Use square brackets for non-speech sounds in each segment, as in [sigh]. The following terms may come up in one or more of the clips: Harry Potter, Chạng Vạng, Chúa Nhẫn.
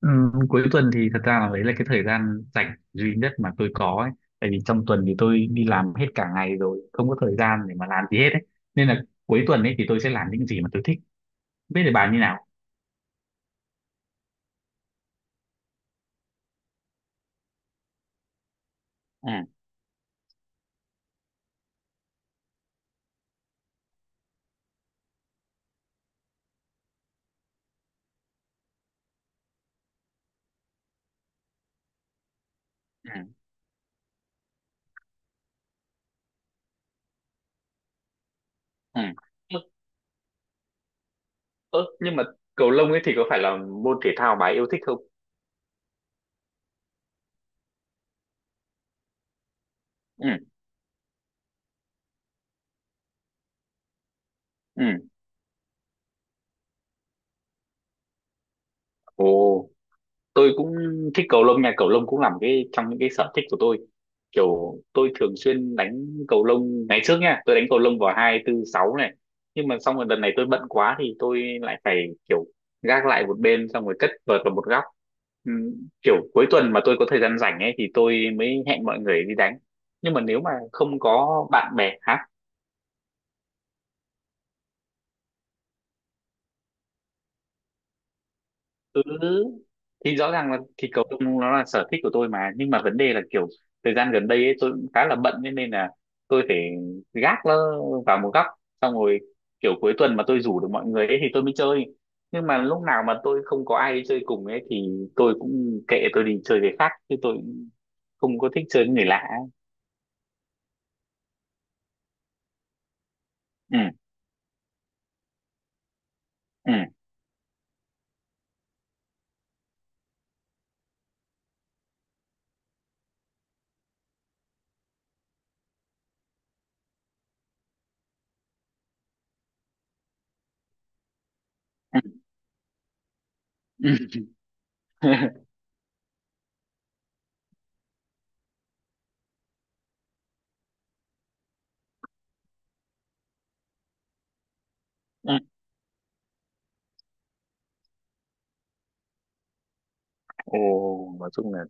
Cuối tuần thì thật ra là đấy là cái thời gian rảnh duy nhất mà tôi có ấy. Tại vì trong tuần thì tôi đi làm hết cả ngày rồi, không có thời gian để mà làm gì hết ấy. Nên là cuối tuần ấy thì tôi sẽ làm những gì mà tôi thích. Biết thì bà như nào? Ừ, ừ, ừ. Ơ, ơ, nhưng mà cầu lông ấy thì có phải là môn thể thao bà ấy yêu thích không? Ừ, ừ. Ồ. Tôi cũng thích cầu lông nha, cầu lông cũng làm cái trong những cái sở thích của tôi, kiểu tôi thường xuyên đánh cầu lông ngày trước nha, tôi đánh cầu lông vào hai tư sáu này. Nhưng mà xong rồi đợt này tôi bận quá thì tôi lại phải kiểu gác lại một bên, xong rồi cất vợt vào một góc. Kiểu cuối tuần mà tôi có thời gian rảnh ấy thì tôi mới hẹn mọi người đi đánh, nhưng mà nếu mà không có bạn bè hả. Ừ, thì rõ ràng là thịt cầu lông nó là sở thích của tôi mà, nhưng mà vấn đề là kiểu thời gian gần đây ấy, tôi cũng khá là bận, thế nên là tôi phải gác nó vào một góc, xong rồi kiểu cuối tuần mà tôi rủ được mọi người ấy thì tôi mới chơi. Nhưng mà lúc nào mà tôi không có ai đi chơi cùng ấy thì tôi cũng kệ, tôi đi chơi với khác, chứ tôi cũng không có thích chơi với người lạ ấy. Ừ, ừ, ừ, ừ. [laughs] Ồ, nói chung là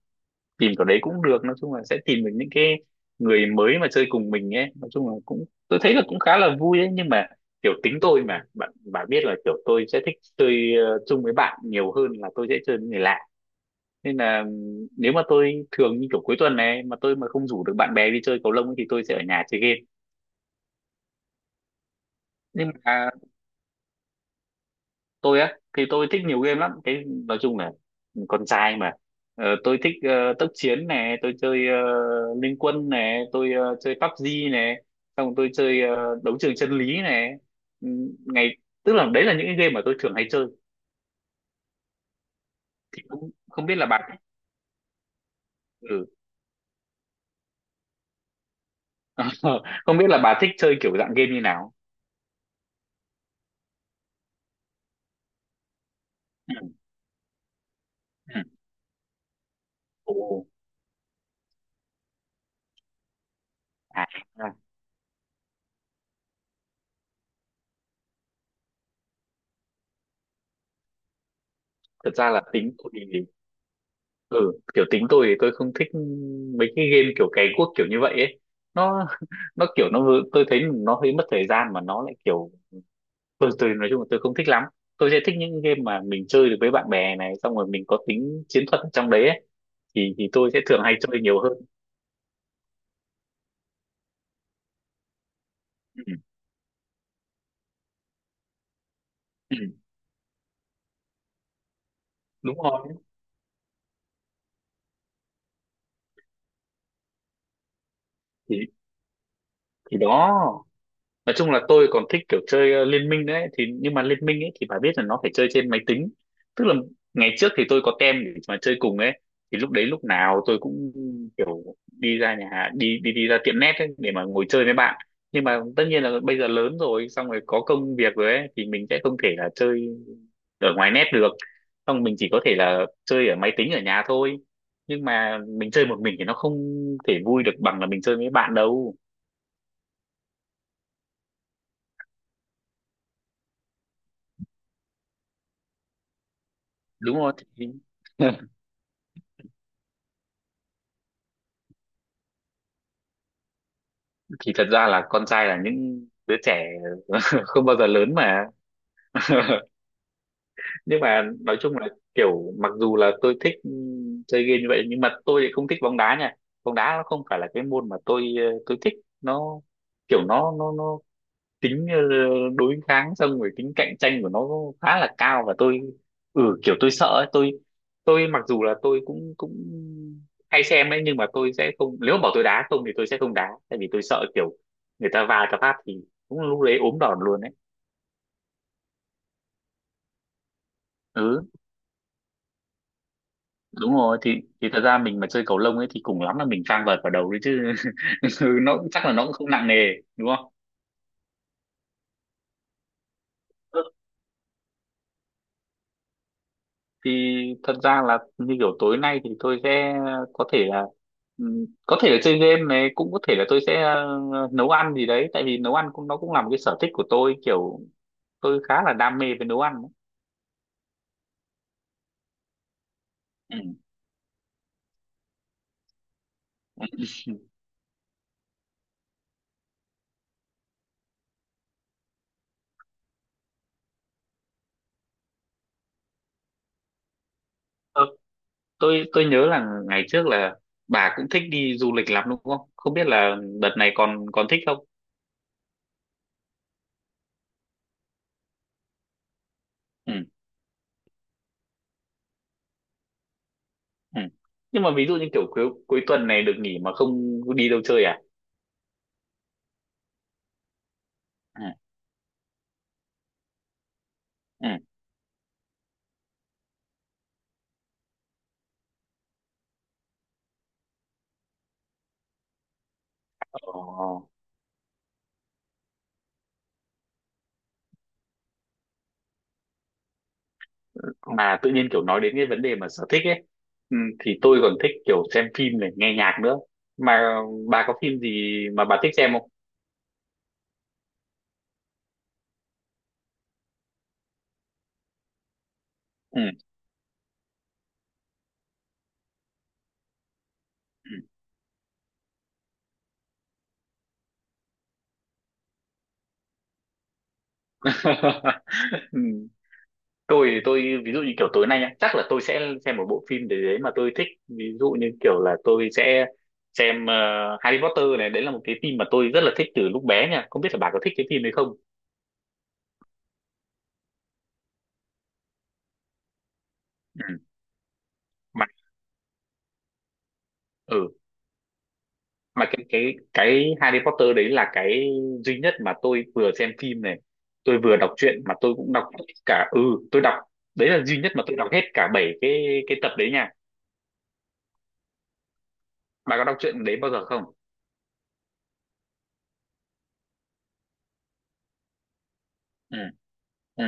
tìm kiểu đấy cũng được, nói chung là sẽ tìm được những cái người mới mà chơi cùng mình ấy, nói chung là cũng tôi thấy là cũng khá là vui ấy. Nhưng mà kiểu tính tôi mà bạn bạn biết là kiểu tôi sẽ thích chơi chung với bạn nhiều hơn là tôi sẽ chơi với người lạ. Nên là nếu mà tôi thường như kiểu cuối tuần này mà tôi mà không rủ được bạn bè đi chơi cầu lông ấy thì tôi sẽ ở nhà chơi game. Nhưng mà tôi thì tôi thích nhiều game lắm, cái nói chung là con trai mà. Tôi thích tốc chiến này, tôi chơi Liên Quân này, tôi chơi PUBG này, xong rồi tôi chơi đấu trường chân lý này. Ừ, Ngày, tức là đấy là những cái game mà tôi thường hay chơi, thì cũng không biết là bà thích. Ừ. [laughs] Không biết là bà thích chơi kiểu dạng game như nào. Ừ. Ừ. Ồ, à, à, thật ra là tính tôi, ừ kiểu tính tôi thì tôi không thích mấy cái game kiểu cày cuốc kiểu như vậy ấy, nó [laughs] nó kiểu nó vừa- tôi thấy nó hơi mất thời gian mà nó lại kiểu, tôi nói chung là tôi không thích lắm. Tôi sẽ thích những game mà mình chơi được với bạn bè này, xong rồi mình có tính chiến thuật ở trong đấy ấy. Thì tôi sẽ thường hay chơi nhiều hơn. Ừ. Ừ. Đúng rồi, thì thì đó, nói chung là tôi còn thích kiểu chơi liên minh đấy thì, nhưng mà liên minh ấy thì bà biết là nó phải chơi trên máy tính. Tức là ngày trước thì tôi có tem để mà chơi cùng ấy, thì lúc đấy lúc nào tôi cũng kiểu đi ra nhà hàng- đi đi đi ra tiệm net ấy để mà ngồi chơi với bạn. Nhưng mà tất nhiên là bây giờ lớn rồi, xong rồi có công việc rồi ấy, thì mình sẽ không thể là chơi ở ngoài net được, xong mình chỉ có thể là chơi ở máy tính ở nhà thôi. Nhưng mà mình chơi một mình thì nó không thể vui được bằng là mình chơi với bạn đâu. Đúng không, thì thật ra là con trai là những đứa trẻ [laughs] không bao giờ lớn mà. Nhưng mà nói chung là kiểu mặc dù là tôi thích chơi game như vậy, nhưng mà tôi lại không thích bóng đá nha. Bóng đá nó không phải là cái môn mà tôi tôi thích. Nó kiểu nó tính đối kháng, xong rồi tính cạnh tranh của nó khá là cao, và tôi, ừ kiểu tôi sợ ấy, tôi mặc dù là tôi cũng cũng hay xem ấy, nhưng mà tôi sẽ không, nếu mà bảo tôi đá không thì tôi sẽ không đá, tại vì tôi sợ kiểu người ta va cho phát thì cũng lúc đấy ốm đòn luôn ấy. Ừ, đúng rồi, thì thật ra mình mà chơi cầu lông ấy thì cùng lắm là mình phang vợt vào đầu đấy chứ. [laughs] Nó cũng- chắc là nó cũng không nặng nề. Đúng không, thì thật ra là như kiểu tối nay thì tôi sẽ có thể là có thể là chơi game này, cũng có thể là tôi sẽ nấu ăn gì đấy, tại vì nấu ăn cũng nó cũng là một cái sở thích của tôi, kiểu tôi khá là đam mê với nấu ăn ấy. Ừ. Ờ, tôi nhớ là ngày trước là bà cũng thích đi du lịch lắm đúng không, không biết là đợt này còn còn thích không. Ừ. Ừ. Nhưng mà ví dụ như kiểu cuối cuối tuần này được nghỉ mà không đi đâu chơi à. Ừ. Ừ. Ờ. Mà tự nhiên kiểu nói đến cái vấn đề mà sở thích ấy, ừ, thì tôi còn thích kiểu xem phim này, nghe nhạc nữa. Mà bà có phim gì mà bà thích xem không. Ừ. [laughs] Ừ. Tôi ví dụ như kiểu tối nay nhá, chắc là tôi sẽ xem một bộ phim để đấy mà tôi thích, ví dụ như kiểu là tôi sẽ xem Harry Potter này, đấy là một cái phim mà tôi rất là thích từ lúc bé nha, không biết là bà có thích cái phim đấy không. Ừ. Mà- ừ, mà cái cái Harry Potter đấy là cái duy nhất mà tôi vừa xem phim này, tôi vừa đọc truyện mà tôi cũng đọc hết cả, ừ tôi đọc, đấy là duy nhất mà tôi đọc hết cả 7 cái tập đấy nha. Bà có đọc truyện đấy bao giờ không. Ừ, ừ,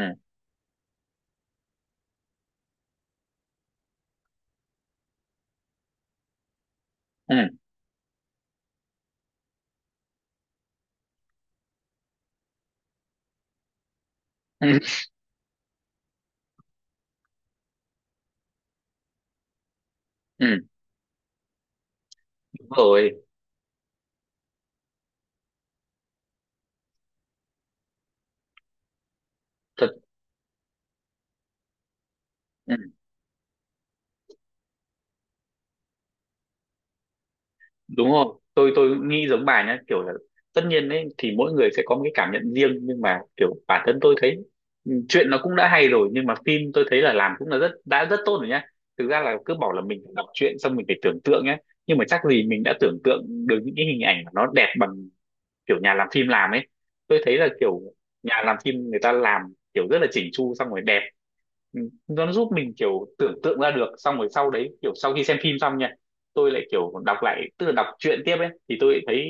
ừ, ừ, [laughs] ừ. Đúng rồi, thật, ừ. Đúng rồi, tôi nghĩ giống bà nhá, kiểu là tất nhiên ấy thì mỗi người sẽ có một cái cảm nhận riêng, nhưng mà kiểu bản thân tôi thấy ừ, chuyện nó cũng đã hay rồi, nhưng mà phim tôi thấy là làm cũng là rất đã rất tốt rồi nhá. Thực ra là cứ bảo là mình phải đọc truyện, xong mình phải tưởng tượng nhá, nhưng mà chắc gì mình đã tưởng tượng được những cái hình ảnh mà nó đẹp bằng kiểu nhà làm phim làm ấy. Tôi thấy là kiểu nhà làm phim người ta làm kiểu rất là chỉnh chu, xong rồi đẹp. Ừ, nó giúp mình kiểu tưởng tượng ra được, xong rồi sau đấy kiểu sau khi xem phim xong nha, tôi lại kiểu đọc lại, tức là đọc truyện tiếp ấy, thì tôi lại thấy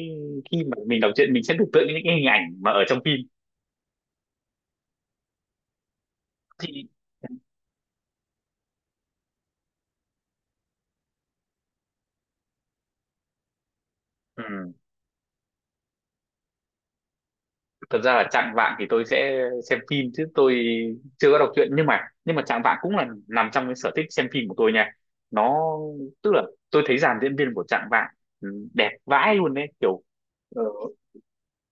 khi mà mình đọc truyện mình sẽ tưởng tượng những cái hình ảnh mà ở trong phim. Thì ừ, thật ra là Chạng Vạng thì tôi sẽ xem phim, chứ tôi chưa có đọc truyện, nhưng mà Chạng Vạng cũng là nằm trong cái sở thích xem phim của tôi nha. Nó tức là tôi thấy dàn diễn viên của Chạng Vạng ừ, đẹp vãi luôn đấy kiểu ờ,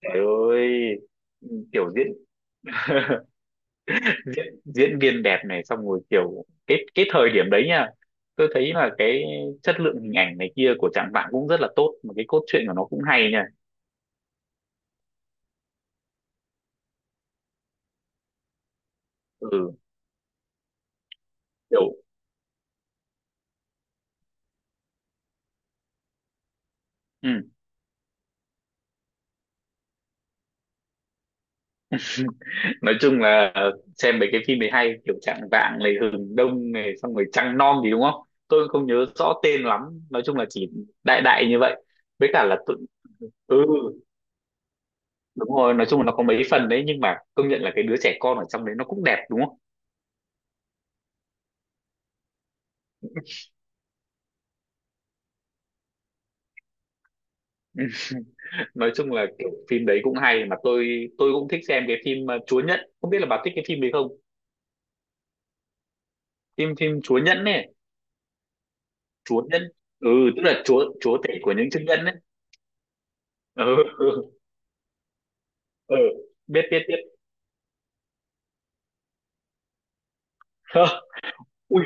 Trời ơi. Kiểu diễn diễn diễn viên đẹp này, xong rồi kiểu cái thời điểm đấy nha, tôi thấy là cái chất lượng hình ảnh này kia của Trạng Vạn cũng rất là tốt, mà cái cốt truyện của nó cũng hay nha. Ừ kiểu ừ. Nói chung là xem mấy cái phim đấy hay, kiểu Trạng Vạn này, Hừng Đông này, xong rồi Trăng Non gì đúng không, tôi cũng không nhớ rõ tên lắm. Nói chung là chỉ đại đại như vậy. Với cả là tự, ừ đúng rồi, nói chung là nó có mấy phần đấy, nhưng mà công nhận là cái đứa trẻ con ở trong đấy nó cũng đẹp đúng không. Ừ. Nói chung là kiểu phim đấy cũng hay, mà tôi cũng thích xem cái phim Chúa Nhẫn, không biết là bà thích cái phim đấy không. Phim phim Chúa Nhẫn này, Chúa Nhẫn, ừ tức là chúa chúa tể của những chiếc nhẫn ấy. Ừ, [laughs] ừ, ừ. Biết, biết, biết. Hơ, ui,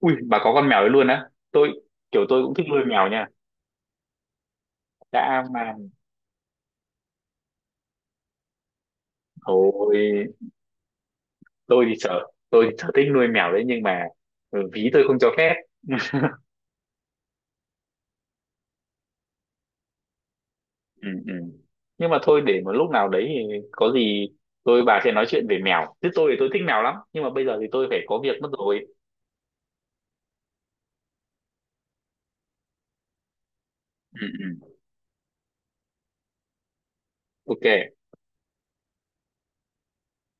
ui bà có con mèo đấy luôn á tôi, kiểu tôi cũng thích nuôi mèo nha. Đã mà thôi, tôi thì sợ, tôi thì sở thích nuôi mèo đấy, nhưng mà ừ, ví tôi không cho phép. Ừ, ừ. Nhưng mà thôi để một lúc nào đấy thì có gì tôi bà sẽ nói chuyện về mèo, chứ tôi thì tôi thích mèo lắm, nhưng mà bây giờ thì tôi phải có việc mất rồi. Ừ, ừ. Ok.